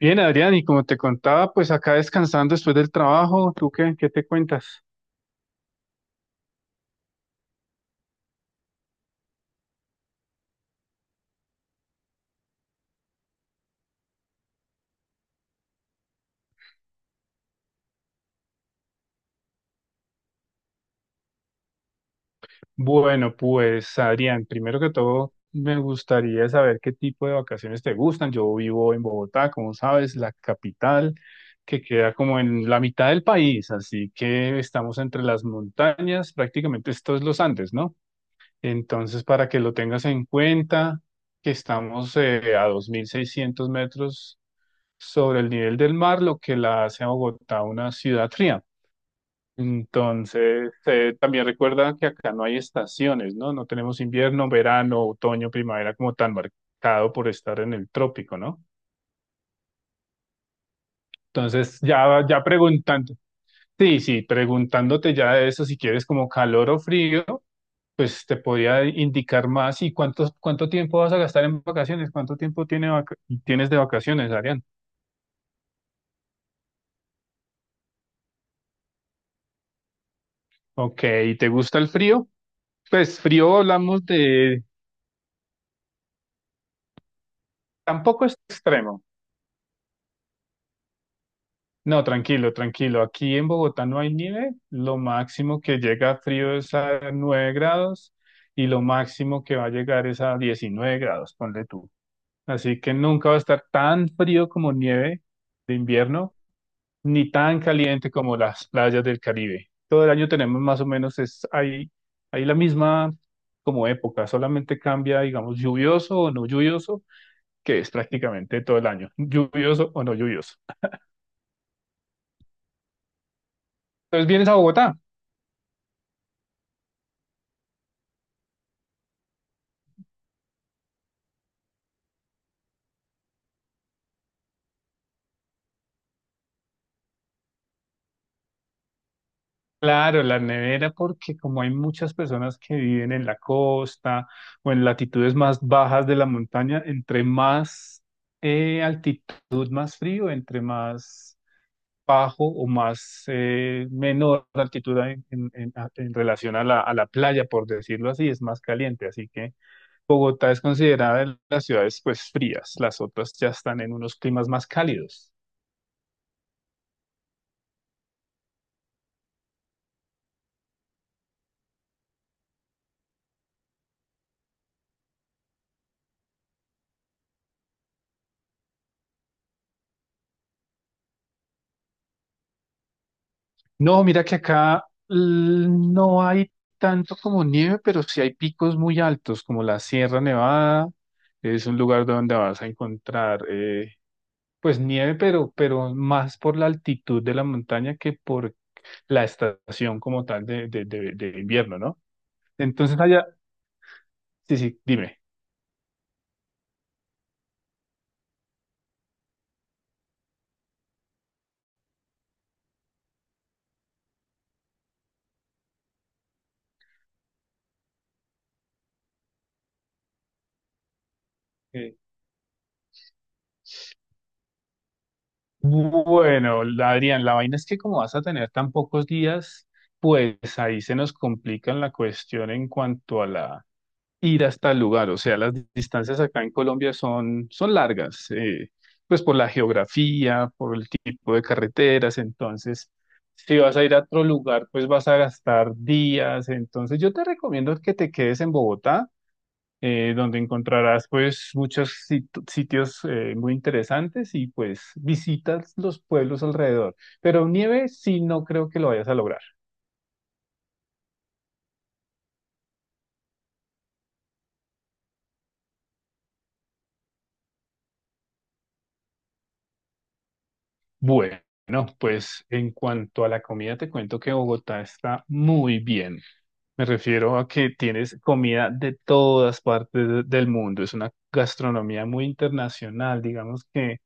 Bien, Adrián, y como te contaba, pues acá descansando después del trabajo, ¿tú qué te cuentas? Bueno, pues Adrián, primero que todo, me gustaría saber qué tipo de vacaciones te gustan. Yo vivo en Bogotá, como sabes, la capital que queda como en la mitad del país, así que estamos entre las montañas, prácticamente esto es los Andes, ¿no? Entonces, para que lo tengas en cuenta, que estamos a 2.600 metros sobre el nivel del mar, lo que la hace a Bogotá una ciudad fría. Entonces, también recuerda que acá no hay estaciones, ¿no? No tenemos invierno, verano, otoño, primavera como tan marcado por estar en el trópico, ¿no? Entonces, ya preguntando, sí, preguntándote ya de eso, si quieres como calor o frío, pues te podría indicar más y cuánto tiempo vas a gastar en vacaciones, cuánto tiempo tiene tienes de vacaciones, Arián. Ok, ¿y te gusta el frío? Pues frío hablamos de. Tampoco es extremo. No, tranquilo, tranquilo. Aquí en Bogotá no hay nieve. Lo máximo que llega frío es a 9 grados y lo máximo que va a llegar es a 19 grados, ponle tú. Así que nunca va a estar tan frío como nieve de invierno, ni tan caliente como las playas del Caribe. Todo el año tenemos más o menos, es ahí la misma como época, solamente cambia, digamos, lluvioso o no lluvioso, que es prácticamente todo el año, lluvioso o no lluvioso. Entonces vienes a Bogotá. Claro, la nevera, porque como hay muchas personas que viven en la costa o en latitudes más bajas de la montaña, entre más altitud, más frío, entre más bajo o más menor altitud en, en relación a la, playa, por decirlo así, es más caliente. Así que Bogotá es considerada de las ciudades pues frías, las otras ya están en unos climas más cálidos. No, mira que acá no hay tanto como nieve, pero sí hay picos muy altos, como la Sierra Nevada. Es un lugar donde vas a encontrar, pues nieve, pero más por la altitud de la montaña que por la estación como tal de invierno, ¿no? Entonces allá, sí, dime. Eh, Bueno, Adrián, la vaina es que como vas a tener tan pocos días, pues ahí se nos complica la cuestión en cuanto a la ir hasta el lugar. O sea, las distancias acá en Colombia son largas, pues por la geografía, por el tipo de carreteras. Entonces, si vas a ir a otro lugar, pues vas a gastar días. Entonces, yo te recomiendo que te quedes en Bogotá donde encontrarás pues muchos sitios muy interesantes y pues visitas los pueblos alrededor. Pero nieve sí no creo que lo vayas a lograr. Bueno, pues en cuanto a la comida, te cuento que Bogotá está muy bien. Me refiero a que tienes comida de todas partes del mundo. Es una gastronomía muy internacional. Digamos que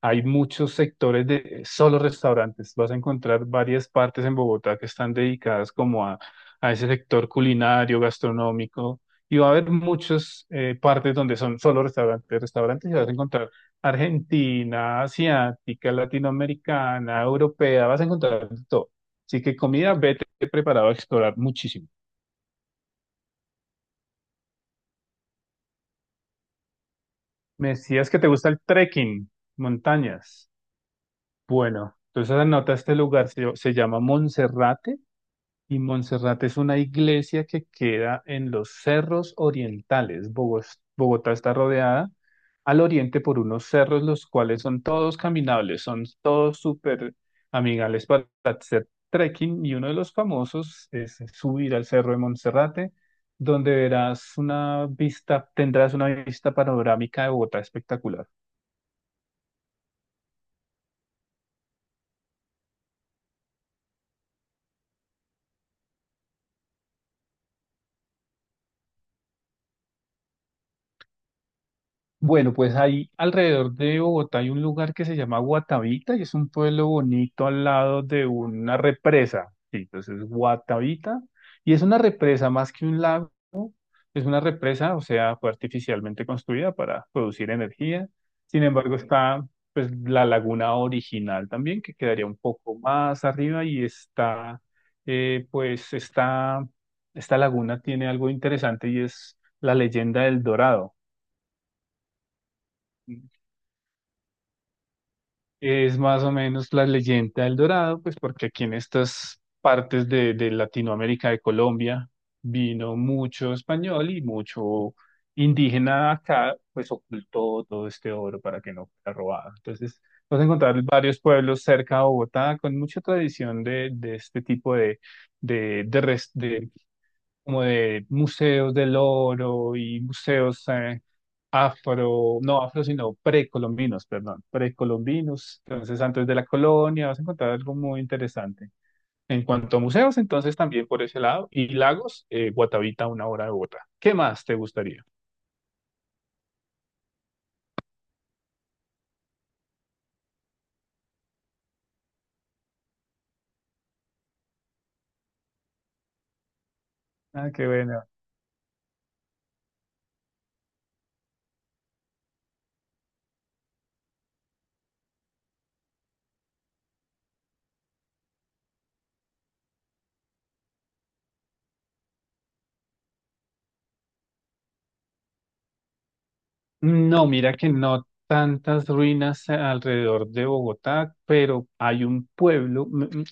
hay muchos sectores de solo restaurantes. Vas a encontrar varias partes en Bogotá que están dedicadas como a ese sector culinario, gastronómico. Y va a haber muchas partes donde son solo restaurantes y vas a encontrar Argentina, asiática, latinoamericana, europea. Vas a encontrar de todo. Así que comida, vete preparado a explorar muchísimo. Me decías que te gusta el trekking, montañas. Bueno, entonces anota este lugar, se llama Monserrate y Monserrate es una iglesia que queda en los cerros orientales. Bogotá está rodeada al oriente por unos cerros, los cuales son todos caminables, son todos súper amigables para hacer trekking y uno de los famosos es subir al cerro de Monserrate, donde verás una vista, tendrás una vista panorámica de Bogotá espectacular. Bueno, pues ahí alrededor de Bogotá hay un lugar que se llama Guatavita y es un pueblo bonito al lado de una represa. Sí, entonces Guatavita y es una represa más que un lago, es una represa, o sea, fue artificialmente construida para producir energía. Sin embargo, está pues la laguna original también que quedaría un poco más arriba y está pues esta laguna tiene algo interesante y es la leyenda del Dorado. Es más o menos la leyenda del Dorado, pues porque aquí en estas partes de Latinoamérica, de Colombia, vino mucho español y mucho indígena acá, pues ocultó todo este oro para que no fuera robado. Entonces, vas a encontrar varios pueblos cerca de Bogotá con mucha tradición de este tipo de como de museos del oro y museos afro, no afro, sino precolombinos, perdón, precolombinos. Entonces, antes de la colonia, vas a encontrar algo muy interesante. En cuanto a museos, entonces también por ese lado, y lagos, Guatavita, una hora de Bogotá. ¿Qué más te gustaría? Ah, qué bueno. No, mira que no tantas ruinas alrededor de Bogotá, pero hay un pueblo,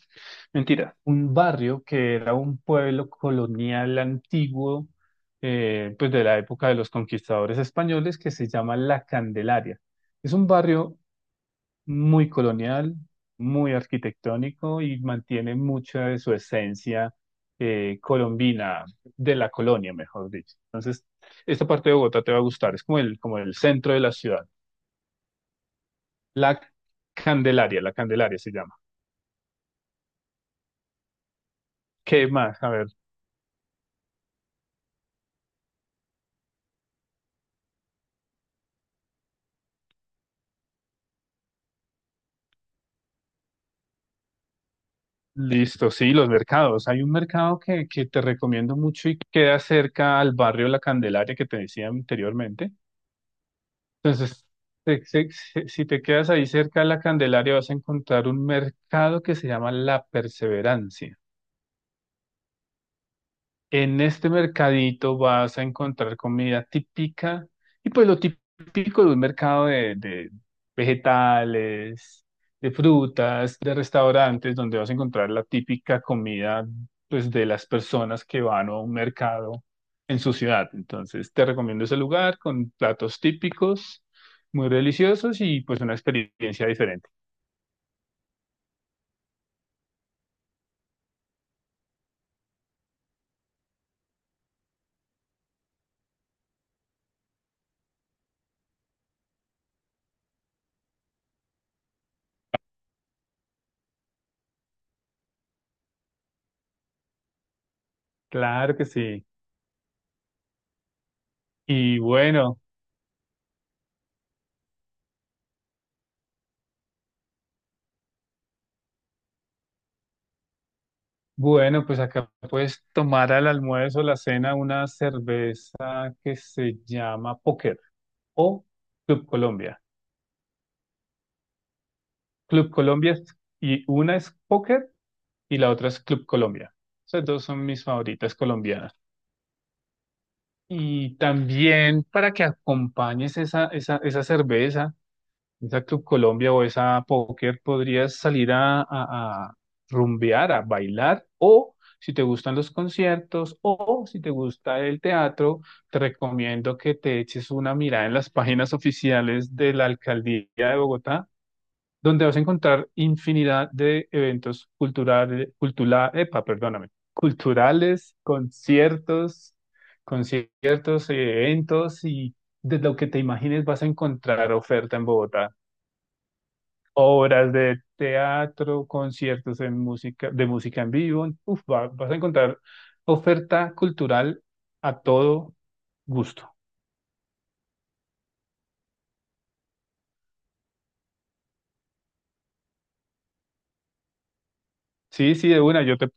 mentira, un barrio que era un pueblo colonial antiguo, pues de la época de los conquistadores españoles, que se llama La Candelaria. Es un barrio muy colonial, muy arquitectónico y mantiene mucha de su esencia colombina, de la colonia, mejor dicho. Entonces, esta parte de Bogotá te va a gustar, es como como el centro de la ciudad. La la Candelaria se llama. ¿Qué más? A ver, listo, sí, los mercados. Hay un mercado que te recomiendo mucho y queda cerca al barrio La Candelaria que te decía anteriormente. Entonces, si te quedas ahí cerca de la Candelaria, vas a encontrar un mercado que se llama La Perseverancia. En este mercadito vas a encontrar comida típica y pues lo típico de un mercado de vegetales, de frutas, de restaurantes, donde vas a encontrar la típica comida pues de las personas que van a un mercado en su ciudad. Entonces te recomiendo ese lugar con platos típicos, muy deliciosos y pues una experiencia diferente. Claro que sí. Y bueno. Bueno, pues acá puedes tomar al almuerzo o la cena una cerveza que se llama Póker o Club Colombia. Club Colombia y una es Póker y la otra es Club Colombia. Esas dos son mis favoritas colombianas. Y también para que acompañes esa, esa cerveza, esa Club Colombia o esa póker, podrías salir a, a rumbear, a bailar, o si te gustan los conciertos, o si te gusta el teatro, te recomiendo que te eches una mirada en las páginas oficiales de la Alcaldía de Bogotá, donde vas a encontrar infinidad de eventos culturales, cultura, epa, perdóname, culturales, conciertos, eventos y de lo que te imagines vas a encontrar oferta en Bogotá, obras de teatro, conciertos en música, de música en vivo. Uf, vas a encontrar oferta cultural a todo gusto. Sí, sí, de una, yo te,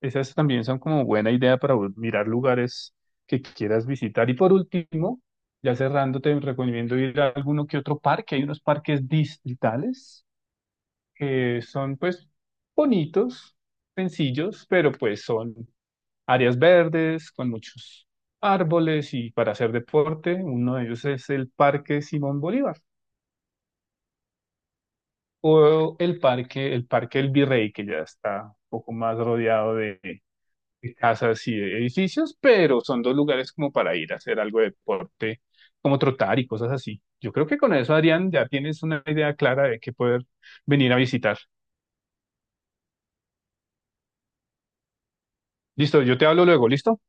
esas también son como buena idea para mirar lugares que quieras visitar. Y por último, ya cerrando, te recomiendo ir a alguno que otro parque. Hay unos parques distritales que son pues bonitos, sencillos, pero pues son áreas verdes con muchos árboles y para hacer deporte, uno de ellos es el Parque Simón Bolívar o el parque, el Parque El Virrey, que ya está un poco más rodeado de casas y de edificios, pero son dos lugares como para ir a hacer algo de deporte, como trotar y cosas así. Yo creo que con eso, Adrián, ya tienes una idea clara de qué poder venir a visitar. Listo, yo te hablo luego, ¿listo?